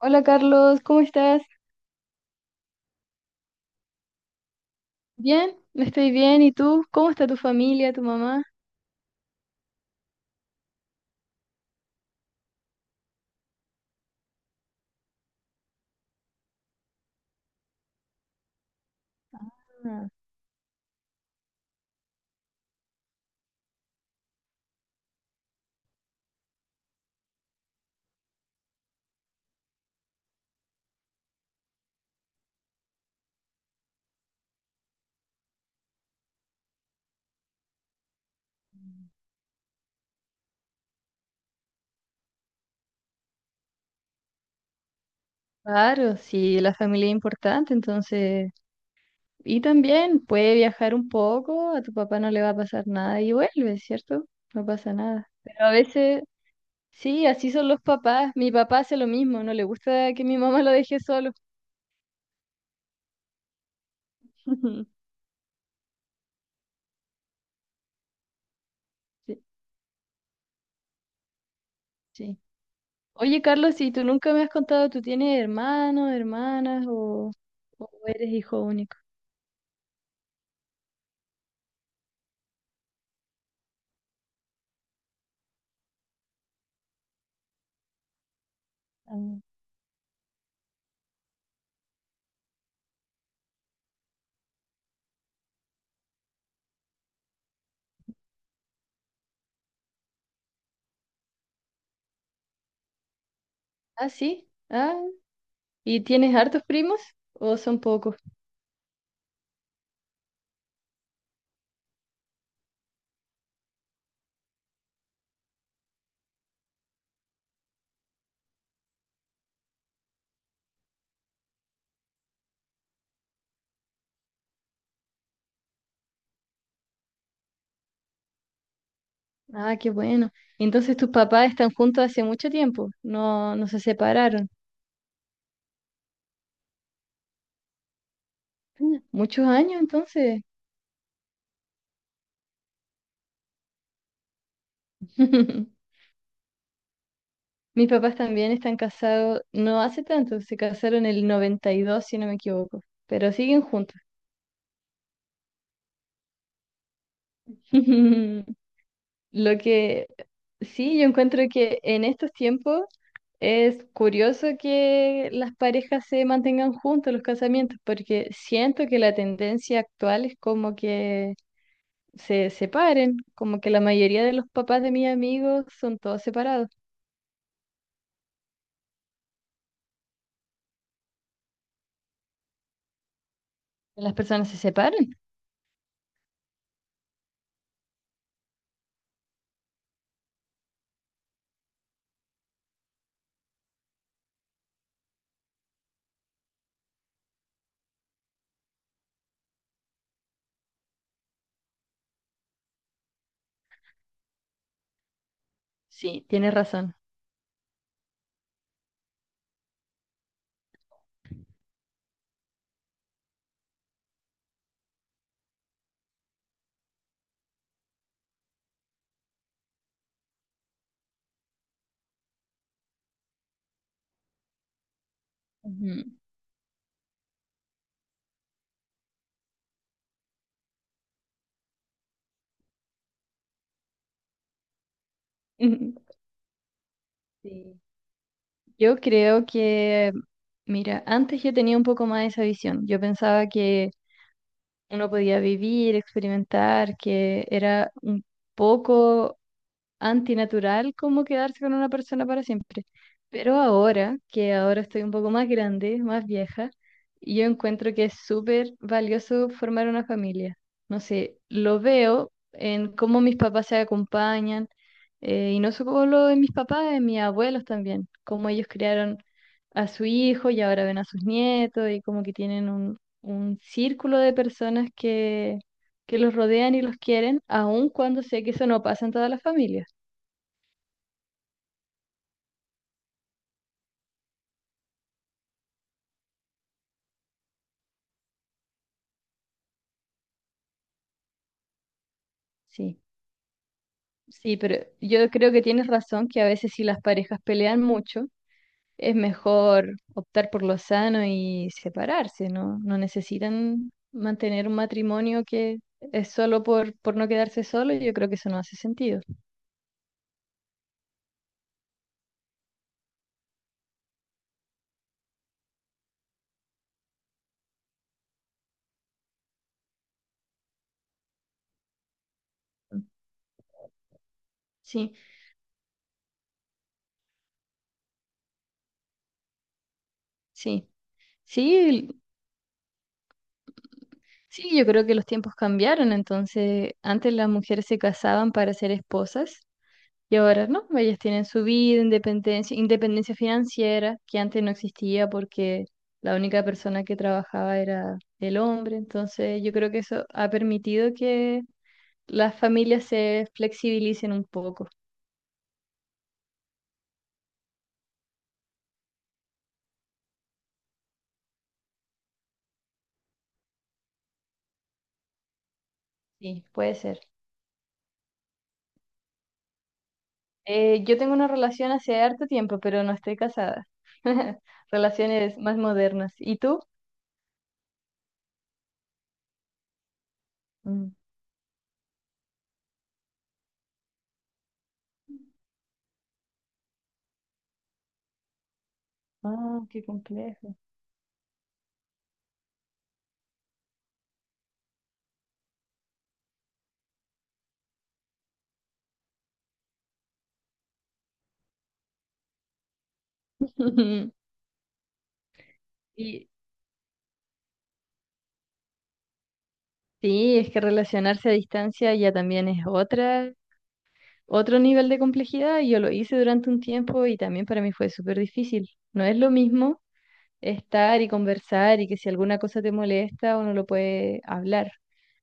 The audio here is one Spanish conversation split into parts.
Hola Carlos, ¿cómo estás? Bien, estoy bien. ¿Y tú? ¿Cómo está tu familia, tu mamá? Ah. Claro, sí, la familia es importante, entonces... Y también puede viajar un poco, a tu papá no le va a pasar nada y vuelve, ¿cierto? No pasa nada. Pero a veces, sí, así son los papás. Mi papá hace lo mismo, no le gusta que mi mamá lo deje solo. Sí, sí. Oye Carlos, ¿y tú nunca me has contado, tú tienes hermanos, hermanas o eres hijo único? Ah. Ah, sí. Ah, ¿y tienes hartos primos o son pocos? Ah, qué bueno. Entonces tus papás están juntos hace mucho tiempo, no, no se separaron. Mm. Muchos años entonces. Mis papás también están casados, no hace tanto, se casaron en el 92 si no me equivoco, pero siguen juntos. Lo que sí, yo encuentro que en estos tiempos es curioso que las parejas se mantengan juntos en los casamientos, porque siento que la tendencia actual es como que se separen, como que la mayoría de los papás de mis amigos son todos separados. ¿Las personas se separan? Sí, tienes razón. Ujú. Sí. Yo creo que, mira, antes yo tenía un poco más esa visión. Yo pensaba que uno podía vivir, experimentar, que era un poco, antinatural como quedarse con una persona para siempre. Pero ahora, que ahora estoy un poco más grande, más vieja, yo encuentro que es súper valioso formar una familia. No sé, lo veo en cómo mis papás se acompañan, y no solo en mis papás, en mis abuelos también, cómo ellos criaron a su hijo y ahora ven a sus nietos y como que tienen un círculo de personas que los rodean y los quieren, aun cuando sé que eso no pasa en todas las familias. Sí, sí, pero yo creo que tienes razón que a veces si las parejas pelean mucho, es mejor optar por lo sano y separarse, ¿no? No necesitan mantener un matrimonio que es solo por, no quedarse solo, yo creo que eso no hace sentido. Sí, sí, sí, sí, yo creo que los tiempos cambiaron, entonces antes las mujeres se casaban para ser esposas. Y ahora no, ellas tienen su vida, independencia financiera, que antes no existía porque la única persona que trabajaba era el hombre. Entonces yo creo que eso ha permitido que las familias se flexibilicen un poco. Sí, puede ser. Yo tengo una relación hace harto tiempo, pero no estoy casada. Relaciones más modernas. ¿Y tú? Mm. Ah, qué complejo. Y sí, es que relacionarse a distancia ya también es otra otro nivel de complejidad y yo lo hice durante un tiempo y también para mí fue súper difícil. No es lo mismo estar y conversar y que si alguna cosa te molesta uno lo puede hablar,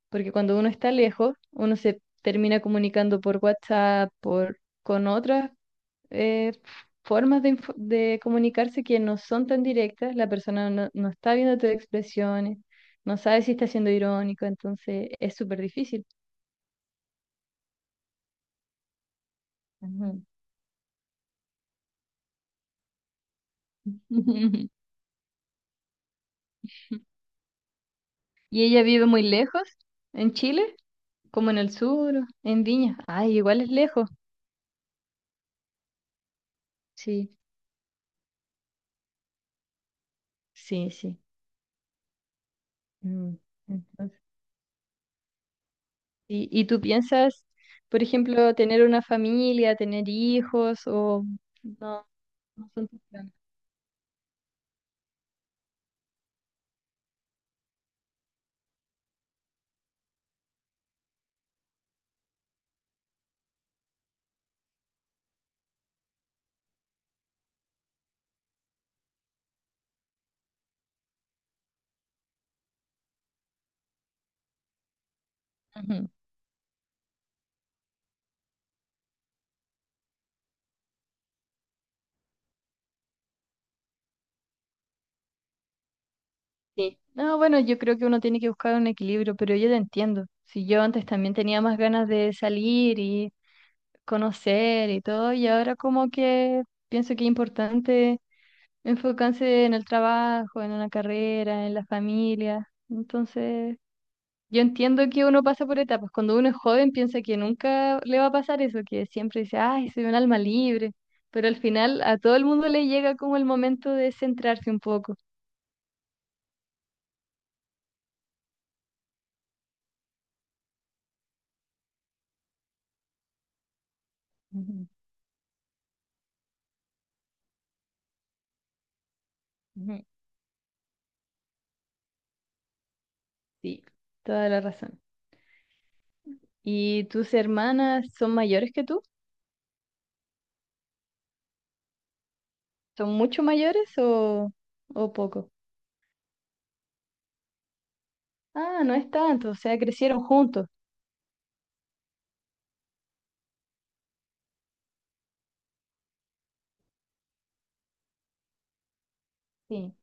porque cuando uno está lejos, uno se termina comunicando por WhatsApp, con otras eh, formas de comunicarse que no son tan directas, la persona no, está viendo tus expresiones. No sabe si está siendo irónico, entonces es súper difícil. Ujú. ¿Y ella vive muy lejos? ¿En Chile? ¿Como en el sur? ¿En Viña? Ay, igual es lejos. Sí, sí, sí. Mm, entonces, ¿y, tú piensas, por ejemplo, tener una familia, tener hijos o no, no son tus planes? Ujú. Sí. No, bueno, yo creo que uno tiene que buscar un equilibrio, pero yo te entiendo. Si yo antes también tenía más ganas de salir y conocer y todo, y ahora como que pienso que es importante enfocarse en el trabajo, en una carrera, en la familia. Entonces, yo entiendo que uno pasa por etapas. Cuando uno es joven piensa que nunca le va a pasar eso, que siempre dice, ay, soy un alma libre. Pero al final a todo el mundo le llega como el momento de centrarse un poco. Ujú, ujú. Sí. Toda la razón. ¿Y tus hermanas son mayores que tú? ¿Son mucho mayores o, poco? Ah, no es tanto, o sea, crecieron juntos. Sí,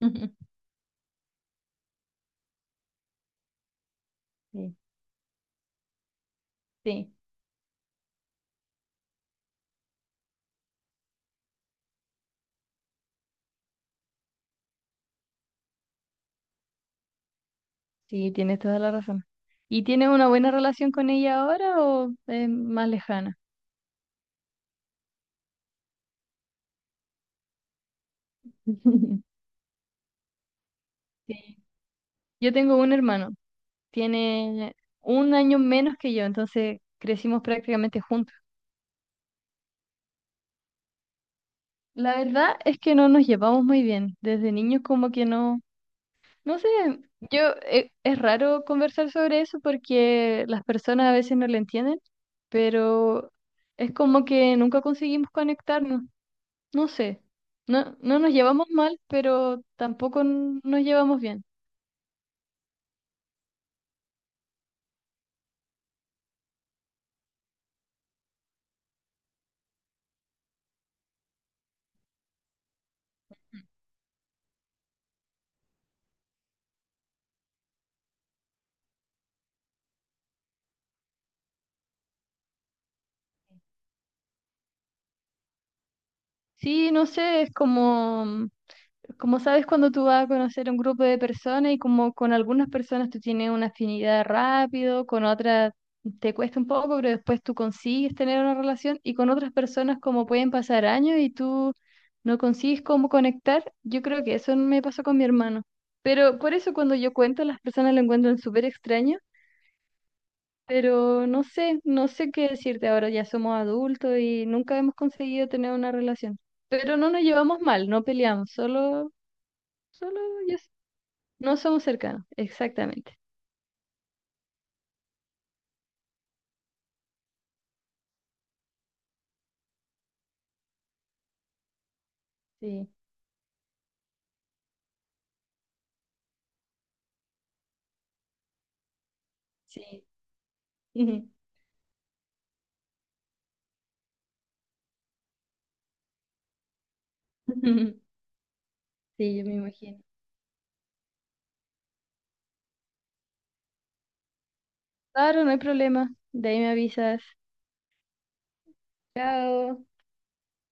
sí, sí, sí, tienes toda la razón. ¿Y tienes una buena relación con ella ahora o es más lejana? Sí. Yo tengo un hermano, tiene un año menos que yo, entonces crecimos prácticamente juntos. La verdad es que no nos llevamos muy bien. Desde niños como que no, no sé, yo es raro conversar sobre eso porque las personas a veces no lo entienden, pero es como que nunca conseguimos conectarnos. No sé, no nos llevamos mal, pero tampoco nos llevamos bien. Sí, no sé, es como, como sabes cuando tú vas a conocer un grupo de personas y como con algunas personas tú tienes una afinidad rápido, con otras te cuesta un poco, pero después tú consigues tener una relación y con otras personas como pueden pasar años y tú no consigues cómo conectar. Yo creo que eso me pasó con mi hermano. Pero por eso cuando yo cuento, las personas lo encuentran súper extraño, pero no sé, qué decirte ahora, ya somos adultos y nunca hemos conseguido tener una relación. Pero no nos llevamos mal, no peleamos, solo ya no somos cercanos, exactamente. Sí, sí. Sí, yo me imagino. Claro, no hay problema. De ahí me avisas. Chao.